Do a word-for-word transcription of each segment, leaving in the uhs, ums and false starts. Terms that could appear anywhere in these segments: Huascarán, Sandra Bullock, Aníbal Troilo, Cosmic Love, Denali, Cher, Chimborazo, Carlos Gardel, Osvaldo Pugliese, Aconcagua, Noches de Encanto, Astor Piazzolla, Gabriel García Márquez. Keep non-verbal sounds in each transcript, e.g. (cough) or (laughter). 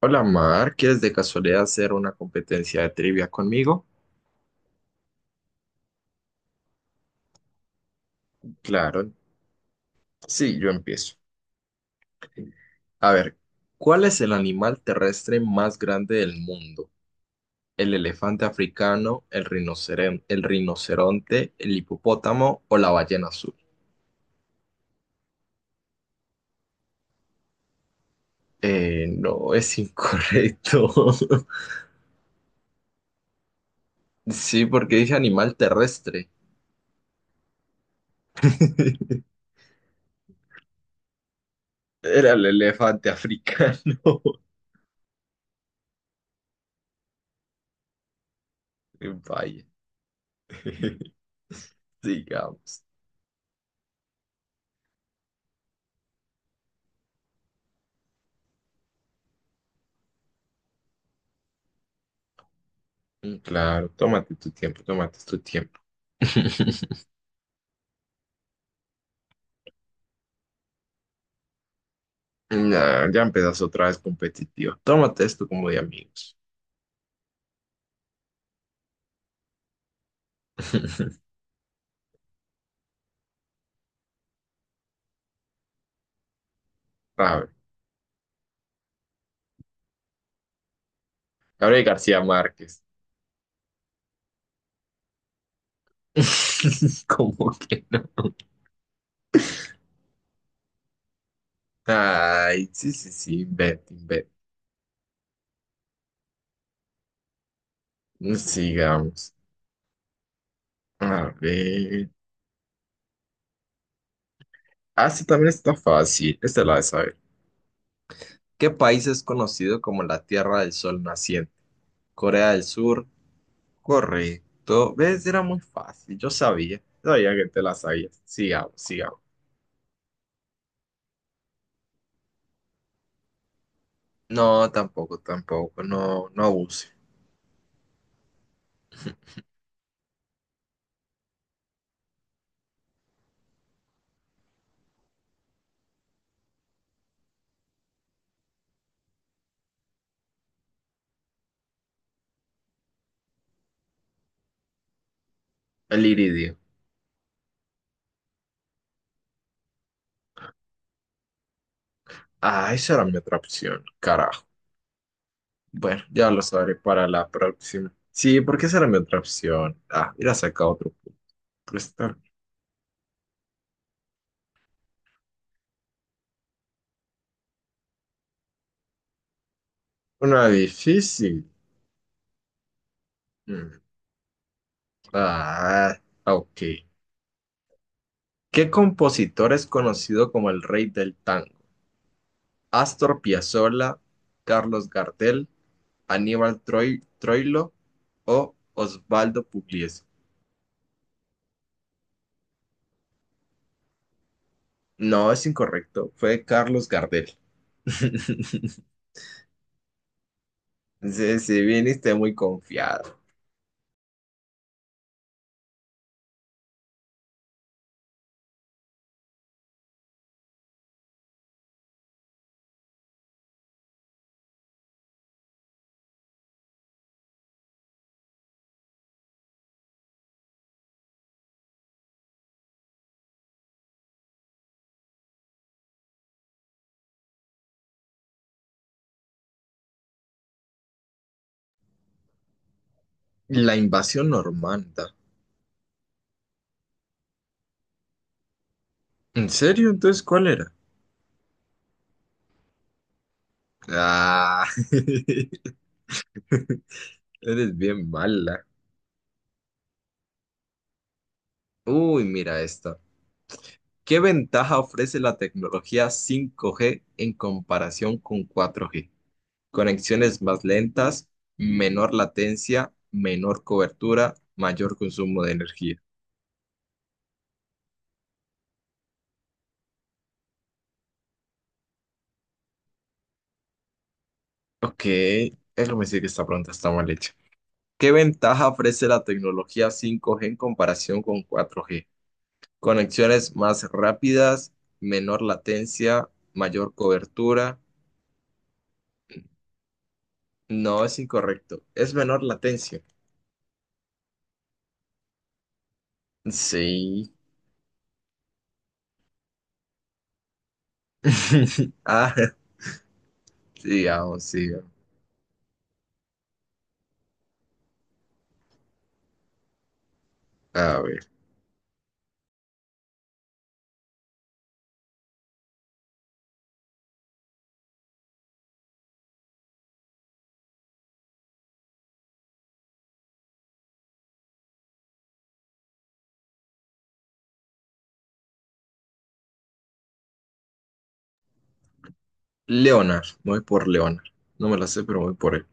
Hola Mar, ¿quieres de casualidad hacer una competencia de trivia conmigo? Claro, sí, yo empiezo. A ver, ¿cuál es el animal terrestre más grande del mundo? ¿El elefante africano, el rinoceren- el rinoceronte, el hipopótamo o la ballena azul? Eh, no, es incorrecto. (laughs) Sí, porque dije animal terrestre. (laughs) Era el elefante africano. (laughs) Vaya. (laughs) Digamos. Mm, Claro, tómate tu tiempo, tómate tu tiempo. (laughs) Nah, ya empezaste otra vez competitivo. Tómate esto como de amigos. (laughs) A ver, Gabriel García Márquez. (laughs) ¿Cómo que no? Ay, sí, sí, sí, vete, vete. Sigamos. A ver. Ah, sí, también está fácil. Esta la de saber. ¿Qué país es conocido como la Tierra del Sol Naciente? Corea del Sur, correcto. ¿Ves? Era muy fácil. Yo sabía. Sabía que te la sabías. Sigamos, sigamos. No, tampoco, tampoco. No, no abuse. El iridio. Ah, esa era mi otra opción. Carajo. Bueno, ya lo sabré para la próxima. Sí, porque esa era mi otra opción. Ah, mira, saca otro punto. Pero está una difícil. Mm. Ah, ok. ¿Qué compositor es conocido como el rey del tango? Astor Piazzolla, Carlos Gardel, Aníbal Troi- Troilo o Osvaldo Pugliese. No, es incorrecto. Fue Carlos Gardel. (laughs) Sí, sí, viniste muy confiado. La invasión normanda. ¿En serio? Entonces, ¿cuál era? Ah, (laughs) eres bien mala. Uy, mira esta. ¿Qué ventaja ofrece la tecnología cinco G en comparación con cuatro G? Conexiones más lentas, menor latencia, menor cobertura, mayor consumo de energía. Ok, es lo que decir que esta pregunta está mal hecha. ¿Qué ventaja ofrece la tecnología cinco G en comparación con cuatro G? Conexiones más rápidas, menor latencia, mayor cobertura. No, es incorrecto. Es menor latencia. Sí. (laughs) Ah, sigamos, sigamos. A ver. Leonard, voy por Leonard. No me la sé, pero voy por él.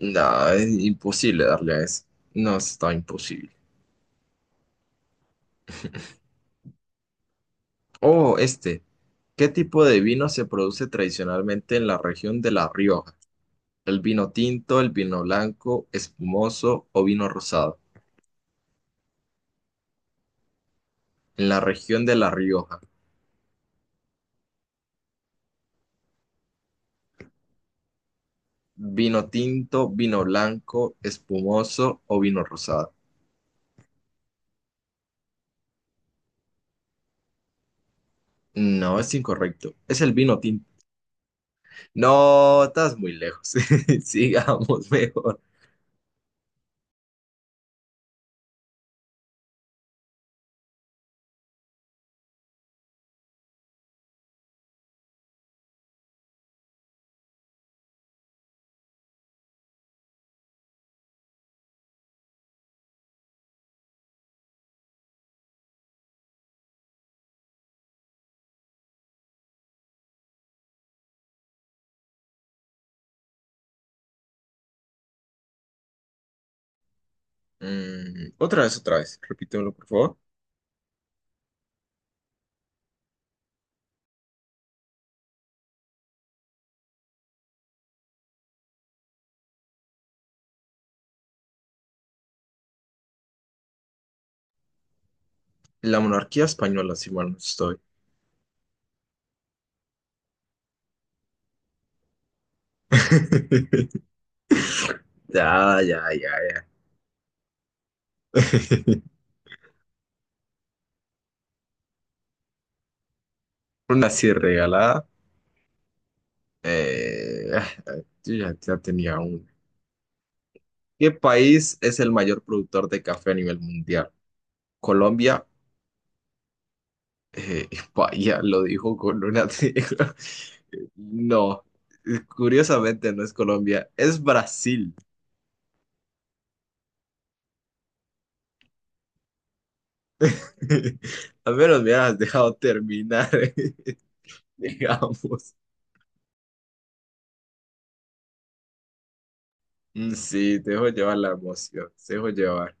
No, es imposible darle a ese. No, está imposible. Oh, este. ¿Qué tipo de vino se produce tradicionalmente en la región de La Rioja? ¿El vino tinto, el vino blanco, espumoso o vino rosado? En la región de La Rioja. ¿Vino tinto, vino blanco, espumoso o vino rosado? No, es incorrecto. Es el vino tinto. No, estás muy lejos. (laughs) Sigamos mejor. Mm, otra vez, otra vez. Repítemelo, por favor. La monarquía española, si mal no estoy. (laughs) Ya, ya, ya, ya. Una así regalada. Eh, ah, ah, yo ya, ya tenía una. ¿Qué país es el mayor productor de café a nivel mundial? Colombia. Eh, (laughs) vaya, lo dijo con una... (laughs) No, curiosamente no es Colombia, es Brasil. (laughs) Al menos me has dejado terminar, (laughs) digamos. Mm, Sí, te dejo llevar la emoción, te dejo llevar.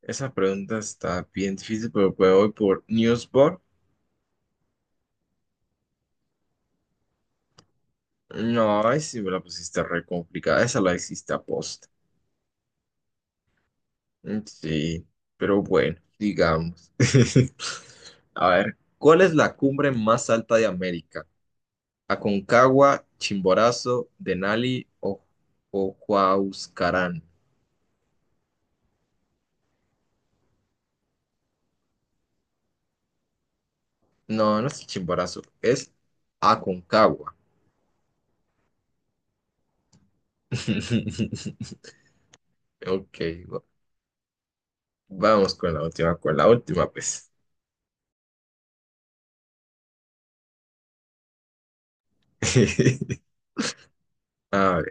Esa pregunta está bien difícil, pero pues voy por Newsboard. No, ay, sí me la pusiste re complicada. Esa la hiciste post Mm, sí, pero bueno, digamos. (laughs) A ver, ¿cuál es la cumbre más alta de América? ¿Aconcagua, Chimborazo, Denali o, o Huascarán? No, no es Chimborazo, es Aconcagua. (laughs) Ok, va- vamos con la última, con la última, pues. (laughs) A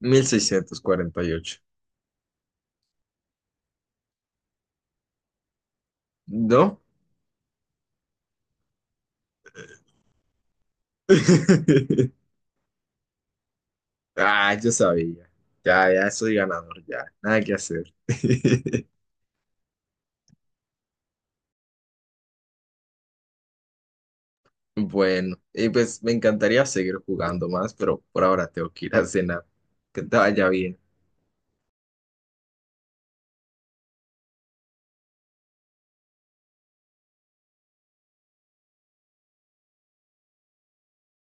mil seiscientos cuarenta y ocho, ¿no? (laughs) Ah, yo sabía. Ya, ya soy ganador, ya. Nada que hacer. (laughs) Bueno, y pues me encantaría seguir jugando más, pero por ahora tengo que ir a cenar. Que te vaya bien.